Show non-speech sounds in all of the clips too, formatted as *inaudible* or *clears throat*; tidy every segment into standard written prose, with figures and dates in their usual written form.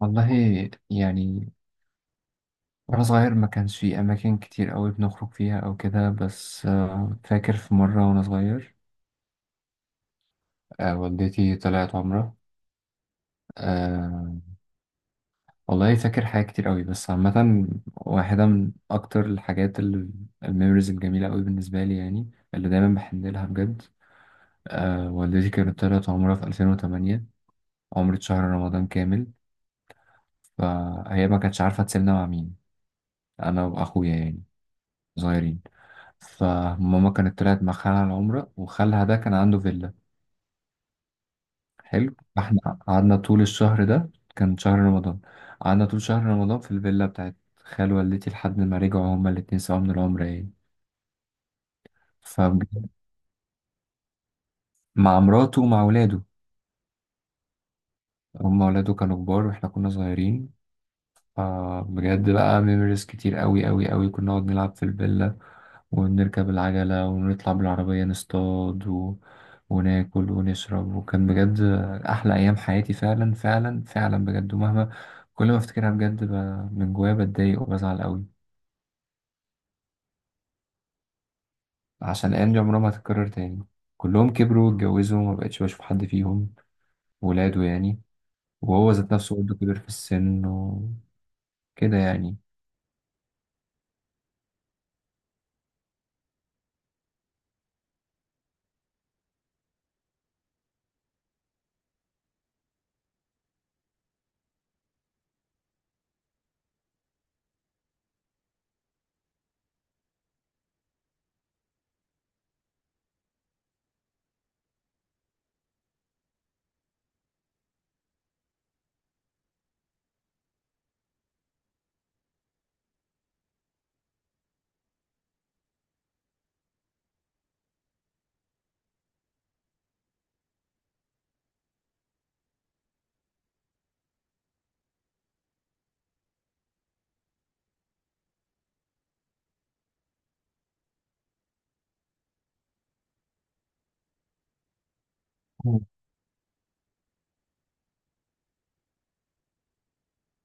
والله يعني وأنا صغير ما كانش في أماكن كتير أوي بنخرج فيها أو كده بس، فاكر في مرة وأنا صغير. والدتي طلعت عمرة. أه والله فاكر حاجات كتير أوي بس عامة، واحدة من أكتر الميموريز الجميلة أوي بالنسبة لي يعني اللي دايما بحن لها بجد. والدتي كانت طلعت عمرة في 2008، عمرة شهر رمضان كامل، فهي ما كانتش عارفة تسيبنا مع مين. أنا وأخويا يعني صغيرين، فماما كانت طلعت مع خالها العمرة، وخالها ده كان عنده فيلا. حلو، فاحنا قعدنا طول الشهر ده، كان شهر رمضان، قعدنا طول شهر رمضان في الفيلا بتاعت خال والدتي لحد ما رجعوا هما الاتنين سوا من العمرة يعني. فمع مراته ومع ولاده، هما ولاده كانوا كبار واحنا كنا صغيرين. فبجد بقى ميموريز كتير قوي قوي قوي، كنا نقعد نلعب في الفيلا، ونركب العجلة، ونطلع بالعربية نصطاد وناكل ونشرب، وكان بجد أحلى أيام حياتي فعلا فعلا فعلا بجد. ومهما كل ما أفتكرها بجد من جوايا بتضايق وبزعل قوي، عشان الأيام دي عمرها ما هتتكرر تاني. كلهم كبروا واتجوزوا وما بقتش بشوف حد فيهم، ولاده يعني، وهو ذات نفسه برضه كبر في السن وكده يعني.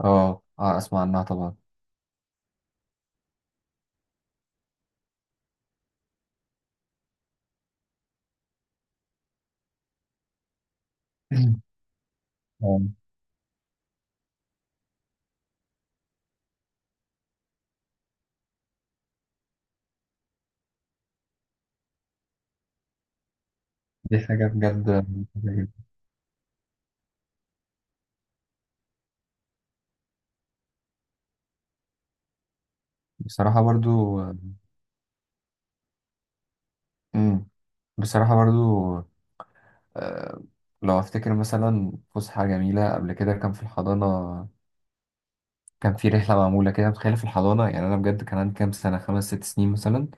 اه اه، اسمع عنها طبعا. *clears throat* آه. دي حاجة بجد مفيدة جدا. بصراحة برضو. مم. بصراحة برضو، آه، لو أفتكر مثلا فسحة جميلة قبل كده كان في الحضانة، كان في رحلة معمولة كده متخيلة في الحضانة. يعني أنا بجد كان عندي كام سنة، خمس ست سنين مثلا،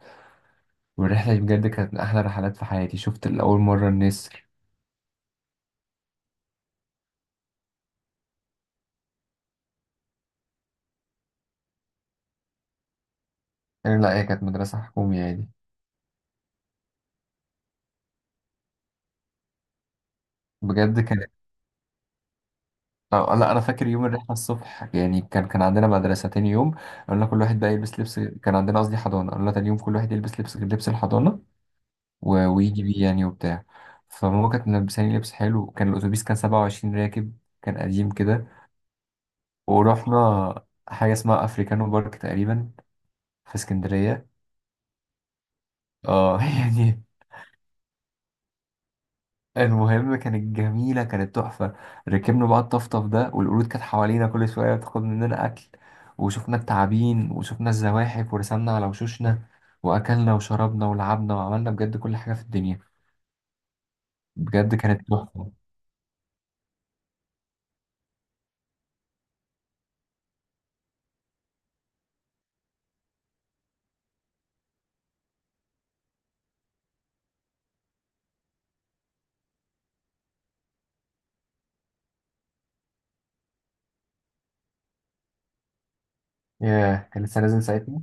والرحلة دي بجد كانت من أحلى رحلات في حياتي. شفت لأول مرة النسر. لا هي كانت مدرسة حكومية يعني. بجد كانت. لا أنا فاكر يوم الرحلة الصبح يعني. كان عندنا مدرسة تاني يوم، قلنا كل واحد بقى يلبس لبس، كان عندنا قصدي حضانة، قلنا تاني يوم كل واحد يلبس لبس الحضانة ويجي بيه يعني وبتاع. فماما كانت ملبساني لبس حلو. كان الأتوبيس كان 27 راكب، كان قديم كده. ورحنا حاجة اسمها أفريكانو بارك تقريبا في اسكندرية. اه *laughs* يعني. المهم كانت جميلة، كانت تحفة. ركبنا بقى الطفطف ده، والقرود كانت حوالينا كل شوية بتاخد مننا أكل، وشفنا التعابين وشفنا الزواحف، ورسمنا على وشوشنا، وأكلنا وشربنا ولعبنا، وعملنا بجد كل حاجة في الدنيا. بجد كانت تحفة. ياه كان لسه نازل ساعتها.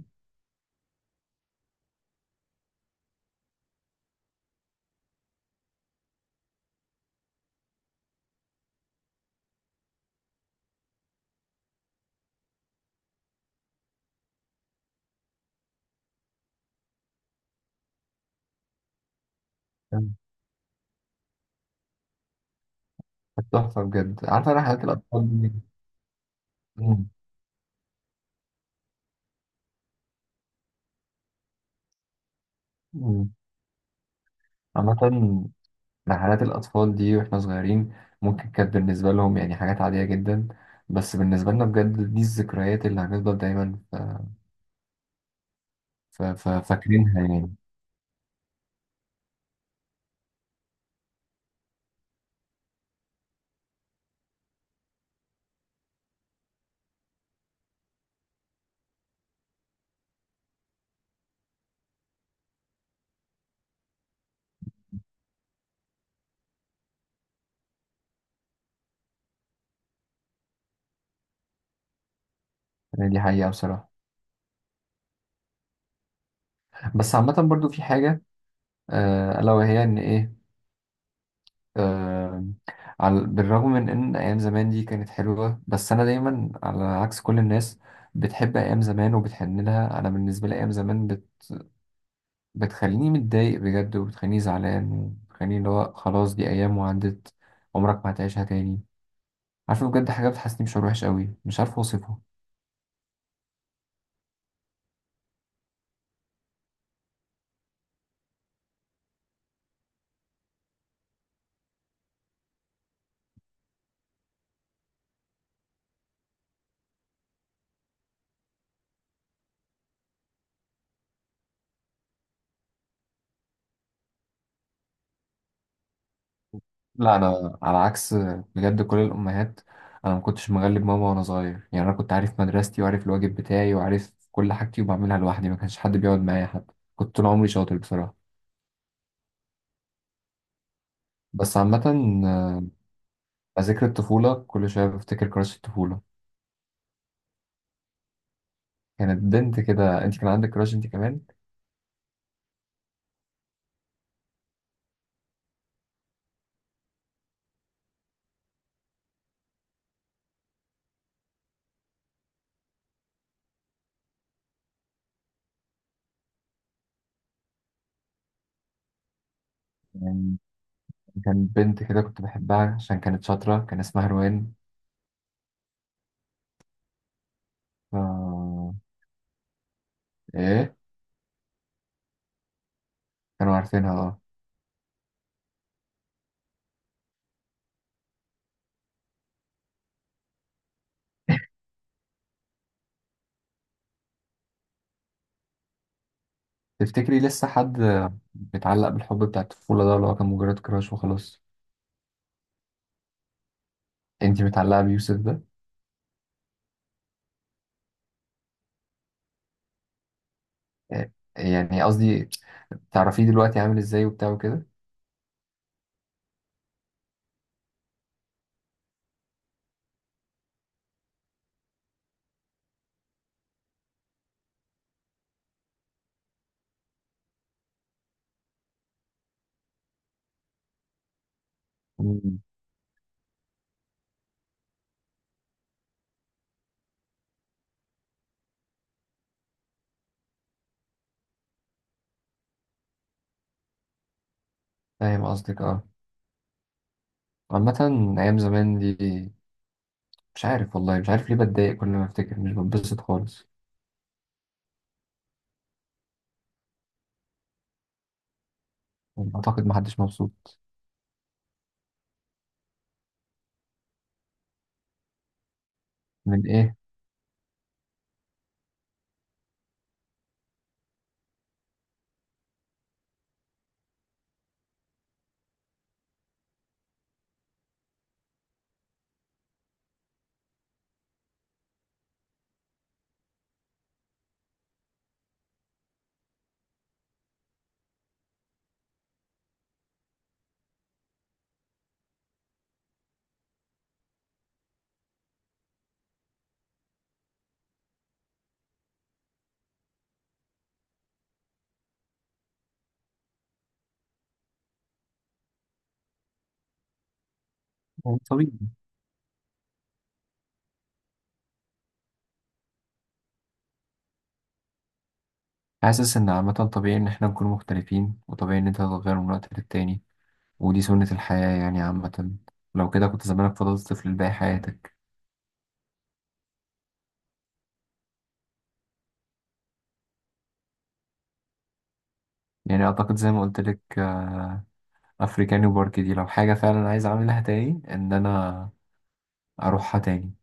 تحفة بجد، عارفة رحلات الأطفال دي. مم. مم. عامة رحلات الأطفال دي وإحنا صغيرين ممكن كانت بالنسبة لهم يعني حاجات عادية جدا، بس بالنسبة لنا بجد دي الذكريات اللي هنفضل دايما فاكرينها يعني. يعني دي حقيقة بصراحة. بس عامة برضو في حاجة، ألا وهي إن إيه، آه، على بالرغم من إن أيام زمان دي كانت حلوة، بس أنا دايما على عكس كل الناس بتحب أيام زمان وبتحن لها. أنا بالنسبة لي أيام زمان بتخليني متضايق بجد، وبتخليني زعلان، وبتخليني اللي هو خلاص دي أيام وعدت، عمرك ما هتعيشها تاني. عارفة بجد حاجة بتحسسني بشعور وحش قوي مش عارف أوصفه. لا أنا على عكس بجد كل الأمهات. أنا ما كنتش مغلب ماما وأنا صغير يعني. أنا كنت عارف مدرستي، وعارف الواجب بتاعي، وعارف كل حاجتي، وبعملها لوحدي، ما كانش حد بيقعد معايا، حتى كنت طول عمري شاطر بصراحة. بس عامة، ذكر الطفولة كل شوية بفتكر كراش الطفولة. كانت بنت كده. أنت كان عندك كراش أنت كمان؟ كان بنت كده كنت بحبها عشان كانت شاطرة، كان اسمها روان. ف... إيه، كانوا عارفينها اه. تفتكري لسه حد بيتعلق بالحب بتاع الطفولة ده اللي هو كان مجرد كراش وخلاص؟ انتي متعلقة بيوسف ده؟ إيه، يعني قصدي تعرفيه دلوقتي عامل ازاي وبتاع وكده؟ مم. فاهم قصدك اه. عامة أيام زمان دي مش عارف والله، مش عارف ليه بتضايق كل ما أفتكر، مش بتبسط خالص. أعتقد محدش مبسوط. من إيه؟ طبيعي. حاسس إن عامة طبيعي إن إحنا نكون مختلفين، وطبيعي إن أنت تتغير من وقت للتاني، ودي سنة الحياة يعني. عامة لو كده كنت زمانك فضلت طفل باقي حياتك. يعني أعتقد زي ما قلت لك، أفريكاني وبارك دي لو حاجة فعلا عايز أعملها تاني إن أنا أروحها تاني.